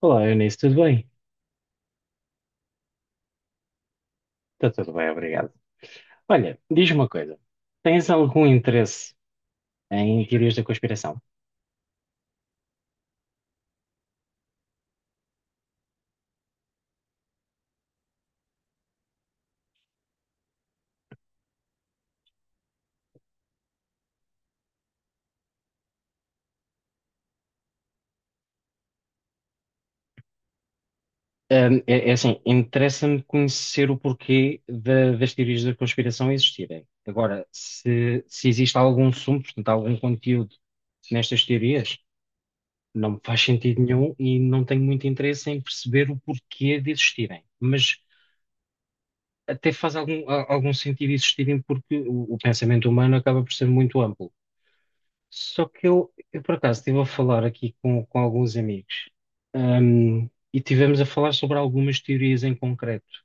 Olá, Eunice, tudo bem? Está tudo bem, obrigado. Olha, diz-me uma coisa. Tens algum interesse em teorias da conspiração? É assim, interessa-me conhecer o porquê das teorias da conspiração existirem. Agora, se existe algum sumo, portanto, algum conteúdo nestas teorias, não me faz sentido nenhum e não tenho muito interesse em perceber o porquê de existirem. Mas até faz algum sentido existirem porque o pensamento humano acaba por ser muito amplo. Só que eu por acaso estive a falar aqui com alguns amigos, e tivemos a falar sobre algumas teorias em concreto.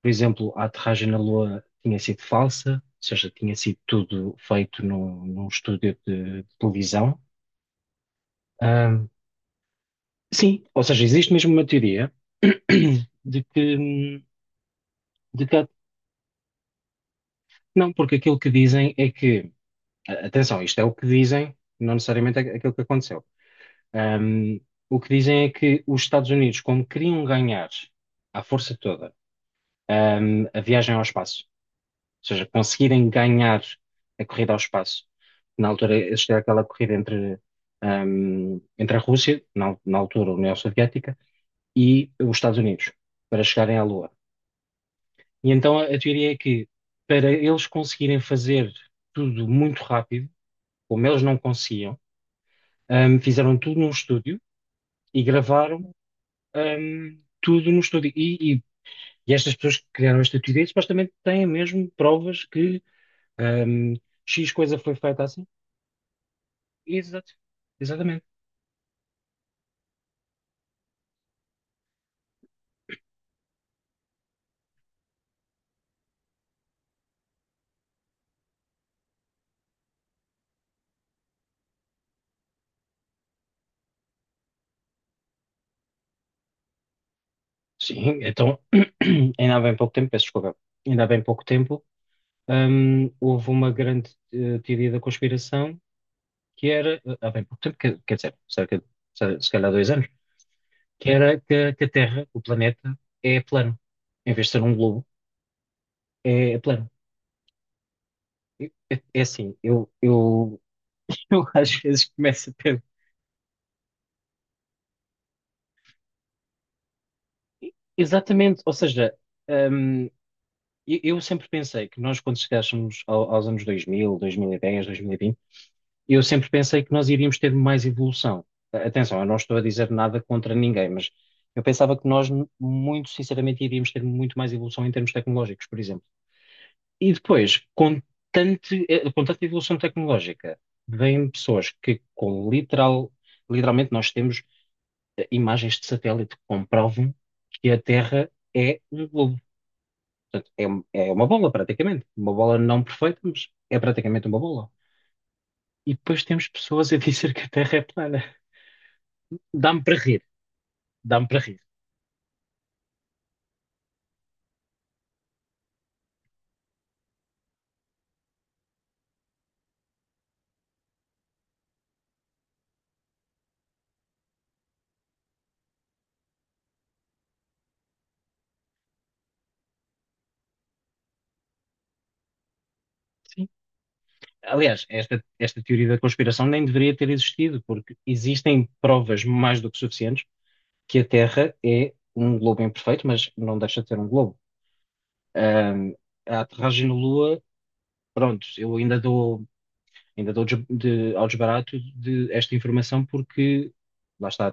Por exemplo, a aterragem na Lua tinha sido falsa, ou seja, tinha sido tudo feito num estúdio de televisão. Ahm, sim, ou seja, existe mesmo uma teoria de que, de que, há- não, porque aquilo que dizem é que, atenção, isto é o que dizem, não necessariamente é aquilo que aconteceu. Um, o que dizem é que os Estados Unidos, como queriam ganhar à força toda, a viagem ao espaço, ou seja, conseguirem ganhar a corrida ao espaço, na altura existia aquela corrida entre, entre a Rússia, na altura a União Soviética, e os Estados Unidos, para chegarem à Lua. E então a teoria é que, para eles conseguirem fazer tudo muito rápido, como eles não conseguiam, fizeram tudo num estúdio e gravaram tudo no estúdio. E estas pessoas que criaram esta teoria supostamente têm mesmo provas que hum, X coisa foi feita assim. Exato. Exatamente. Sim, então, ainda há bem pouco tempo, peço desculpa, ainda há bem pouco tempo, houve uma grande teoria da conspiração que era, há bem pouco tempo, quer dizer, cerca de, se calhar 2 anos, que era que a Terra, o planeta, é plano. Em vez de ser um globo, é plano. É assim, eu Eu às vezes começo a pensar. Exatamente, ou seja, hum, eu sempre pensei que nós, quando chegássemos aos anos 2000, 2010, 2020, eu sempre pensei que nós iríamos ter mais evolução. A- Atenção, eu não estou a dizer nada contra ninguém, mas eu pensava que nós, muito sinceramente, iríamos ter muito mais evolução em termos tecnológicos, por exemplo. E depois, com tanta evolução tecnológica, vêm pessoas que, literalmente, nós temos imagens de satélite que comprovam que a Terra é um globo. Portanto, é uma bola, praticamente. Uma bola não perfeita, mas é praticamente uma bola. E depois temos pessoas a dizer que a Terra é plana. Dá-me para rir, dá-me para rir. Sim. Aliás, esta teoria da conspiração nem deveria ter existido, porque existem provas mais do que suficientes que a Terra é um globo imperfeito, mas não deixa de ser um globo. Ahm, a aterragem na Lua, pronto, eu ainda dou. Ainda dou ao desbarato de esta informação porque, lá está,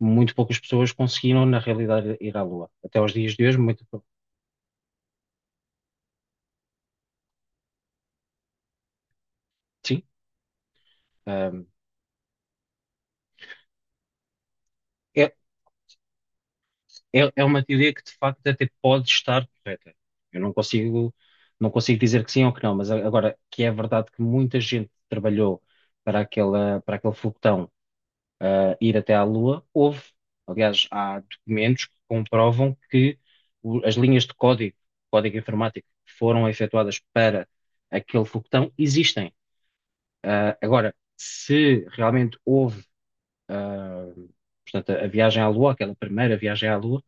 muito poucas pessoas conseguiram, na realidade, ir à Lua. Até aos dias de hoje, muito pouco. Sim, ahm, é, é uma teoria que, de facto, até pode estar correta. Eu não consigo, não consigo dizer que sim ou que não, mas agora, que é verdade que muita gente trabalhou para aquele foguetão ir até à Lua. Houve, aliás, há documentos que comprovam que as linhas de código, código informático, que foram efetuadas para aquele foguetão existem. Ah, agora, se realmente houve, ah, portanto, a viagem à Lua, aquela primeira viagem à Lua,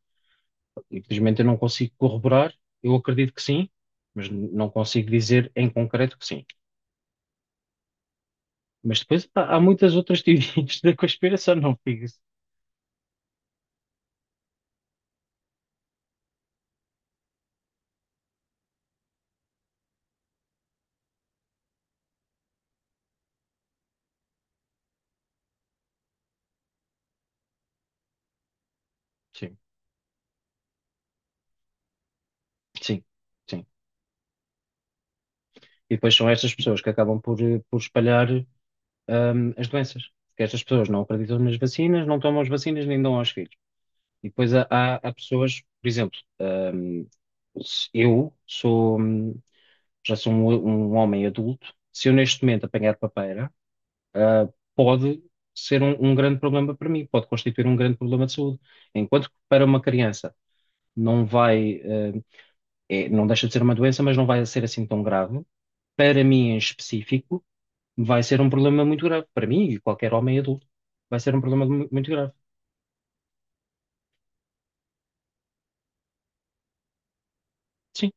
infelizmente eu não consigo corroborar, eu acredito que sim. Mas não consigo dizer em concreto que sim. Mas depois há muitas outras teorias da conspiração, não fico. Sim, sim. Sim. E depois são estas pessoas que acabam por, por espalhar, as doenças. Porque estas pessoas não acreditam nas vacinas, não tomam as vacinas, nem dão aos filhos. E depois há pessoas, por exemplo, hum, se eu sou, já sou um homem adulto, se eu neste momento apanhar papeira, ah, pode ser um grande problema para mim, pode constituir um grande problema de saúde. Enquanto que para uma criança não vai, não deixa de ser uma doença, mas não vai ser assim tão grave. Para mim em específico, vai ser um problema muito grave para mim e qualquer homem adulto. Vai ser um problema muito grave. Sim.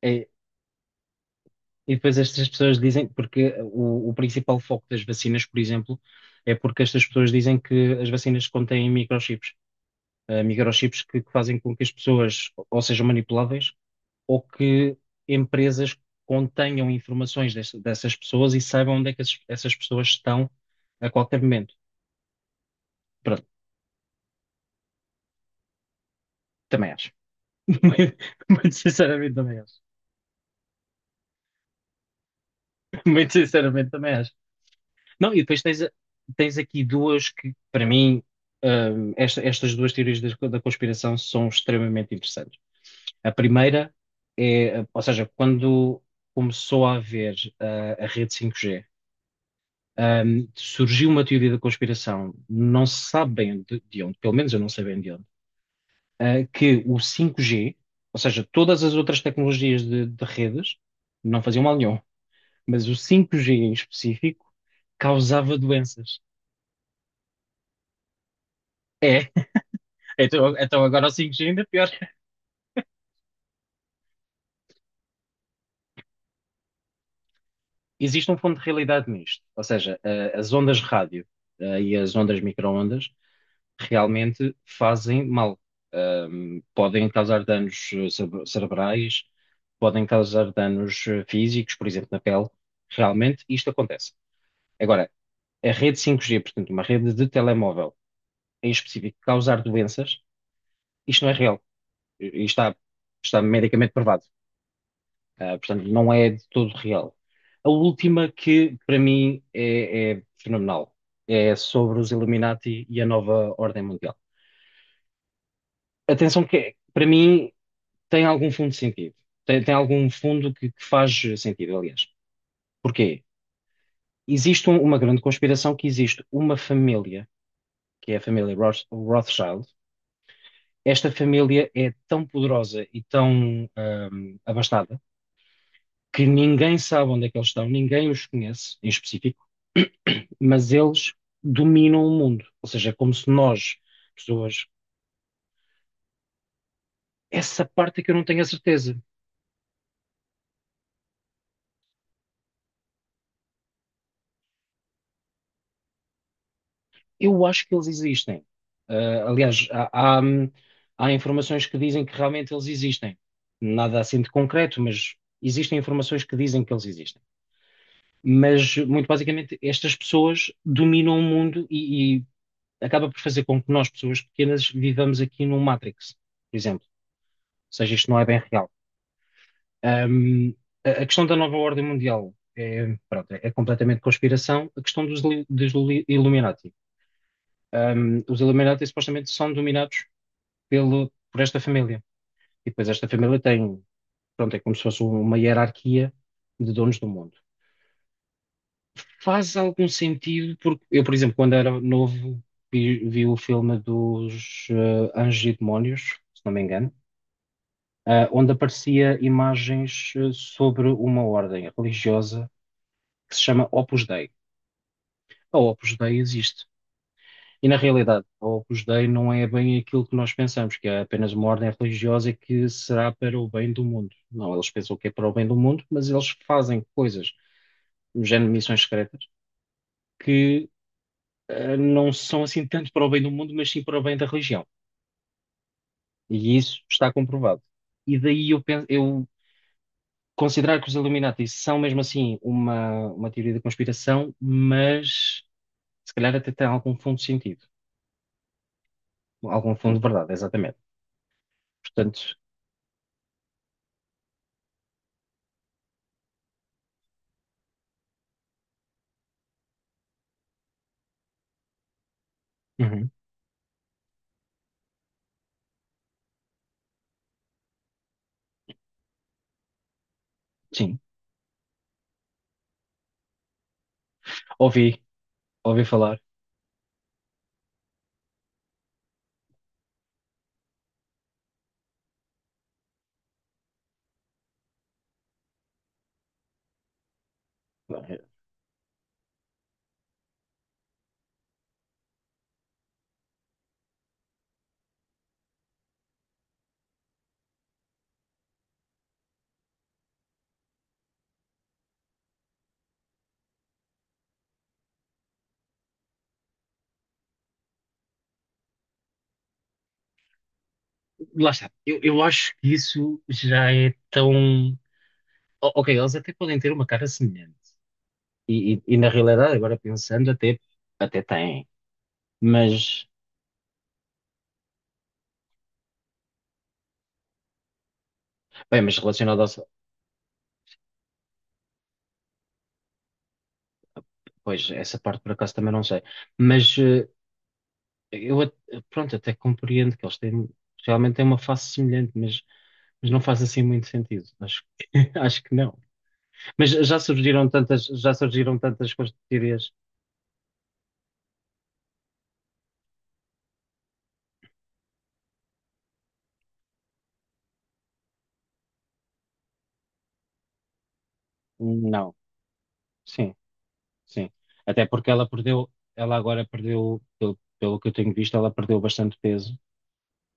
É- e depois estas pessoas dizem, porque o principal foco das vacinas, por exemplo, é porque estas pessoas dizem que as vacinas contêm microchips. Microchips que fazem com que as pessoas ou sejam manipuláveis ou que empresas contenham informações dessas pessoas e saibam onde é que essas pessoas estão a qualquer momento. Pronto, também acho. Muito muito sinceramente, também acho. Muito sinceramente, também acho. Não, e depois tens aqui duas que, para mim, estas duas teorias da conspiração são extremamente interessantes. A primeira é, ou seja, quando começou a haver a rede 5G, surgiu uma teoria da conspiração, não se sabe bem de onde, pelo menos eu não sei bem de onde, ah, que o 5G, ou seja, todas as outras tecnologias de redes, não faziam mal nenhum, mas o 5G em específico causava doenças. Então agora o 5G ainda é pior. Existe um fundo de realidade nisto. Ou seja, as ondas de rádio, e as ondas micro-ondas realmente fazem mal. Podem causar danos cerebrais, podem causar danos físicos, por exemplo, na pele. Realmente isto acontece. Agora, a rede 5G, portanto, uma rede de telemóvel em específico, causar doenças, isto não é real. E está, está medicamente provado. Ah, portanto, não é de todo real. A última que, para mim, é fenomenal. É sobre os Illuminati e a nova ordem mundial. Atenção que, para mim, tem algum fundo de sentido. Tem algum fundo que faz sentido, aliás. Porquê? Existe uma grande conspiração que existe uma família, que é a família Rothschild. Esta família é tão poderosa e tão abastada que ninguém sabe onde é que eles estão, ninguém os conhece em específico. Mas eles dominam o mundo. Ou seja, é como se nós, pessoas, essa parte é que eu não tenho a certeza. Eu acho que eles existem. Ah, aliás, há informações que dizem que realmente eles existem. Nada assim de concreto, mas existem informações que dizem que eles existem. Mas, muito basicamente, estas pessoas dominam o mundo e acaba por fazer com que nós, pessoas pequenas, vivamos aqui num Matrix, por exemplo. Ou seja, isto não é bem real. Um, a a questão da nova ordem mundial é, pronto, é completamente conspiração. A questão Illuminati. Os Illuminati supostamente são dominados por esta família. E depois esta família tem, pronto, é como se fosse uma hierarquia de donos do mundo. Faz algum sentido, porque eu, por exemplo, quando era novo, vi o filme dos Anjos e Demónios, se não me engano, ah, onde aparecia imagens sobre uma ordem religiosa que se chama Opus Dei. A Opus Dei existe. E na realidade, a Opus Dei não é bem aquilo que nós pensamos, que é apenas uma ordem religiosa que será para o bem do mundo. Não, eles pensam que é para o bem do mundo, mas eles fazem coisas, no género de missões secretas, que não são assim tanto para o bem do mundo, mas sim para o bem da religião. E isso está comprovado. E daí eu, penso, eu considerar que os Illuminati são mesmo assim uma teoria da conspiração, mas se calhar até tem algum fundo de sentido, algum fundo de verdade, exatamente. Portanto, Uhum. Sim, ouvi, ouvi falar. Lá está. Eu acho que isso já é tão. O- Ok, eles até podem ter uma cara semelhante. E na realidade, agora pensando, até, até têm. Mas, bem, mas relacionado a. Pois, essa parte por acaso também não sei. Mas eu, at- pronto, até compreendo que eles têm. Realmente têm uma face semelhante, mas não faz assim muito sentido. Acho, acho que não. Mas já surgiram tantas conspiratorias? Sim, sim. Até porque ela perdeu, ela agora perdeu, pelo que eu tenho visto, ela perdeu bastante peso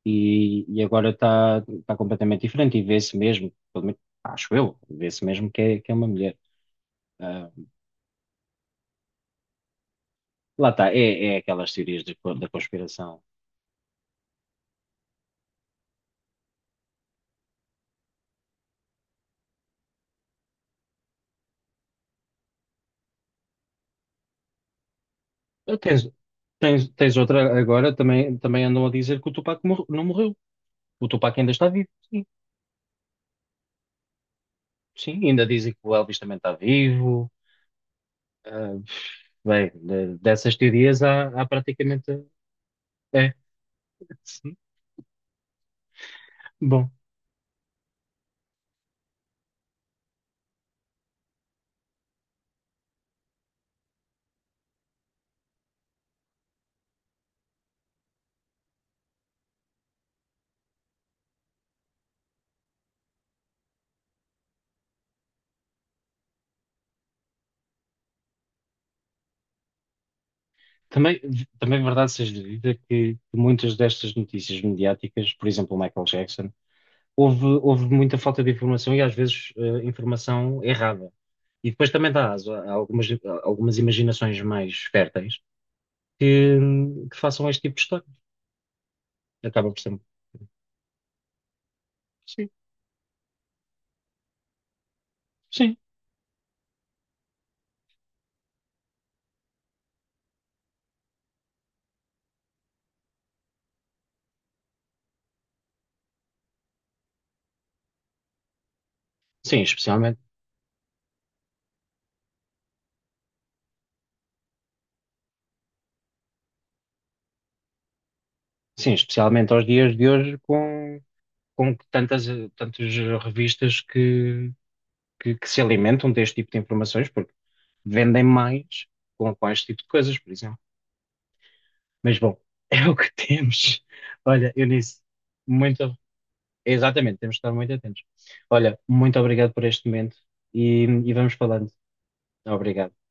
e agora está completamente diferente e vê-se mesmo, pelo menos, acho eu, vê-se mesmo que que é uma mulher. Ah, lá está, é aquelas teorias da conspiração. Ah, tens outra agora, também andam a dizer que o Tupac não morreu. O Tupac ainda está vivo, sim. Sim, ainda dizem que o Elvis também está vivo. Ah, bem, dessas teorias há, há praticamente. É. Bom, também, também é verdade seja dita que muitas destas notícias mediáticas, por exemplo, o Michael Jackson, houve muita falta de informação e às vezes informação errada. E depois também dá aso a a algumas imaginações mais férteis que, que façam este tipo de história. Acaba por ser. Sim, sim, sim, especialmente, sim, especialmente aos dias de hoje com tantas, tantas revistas que se alimentam deste tipo de informações, porque vendem mais com este tipo de coisas, por exemplo. Mas bom, é o que temos. Olha, Eunice, muito. Exatamente, temos de estar muito atentos. Olha, muito obrigado por este momento e vamos falando. Obrigado.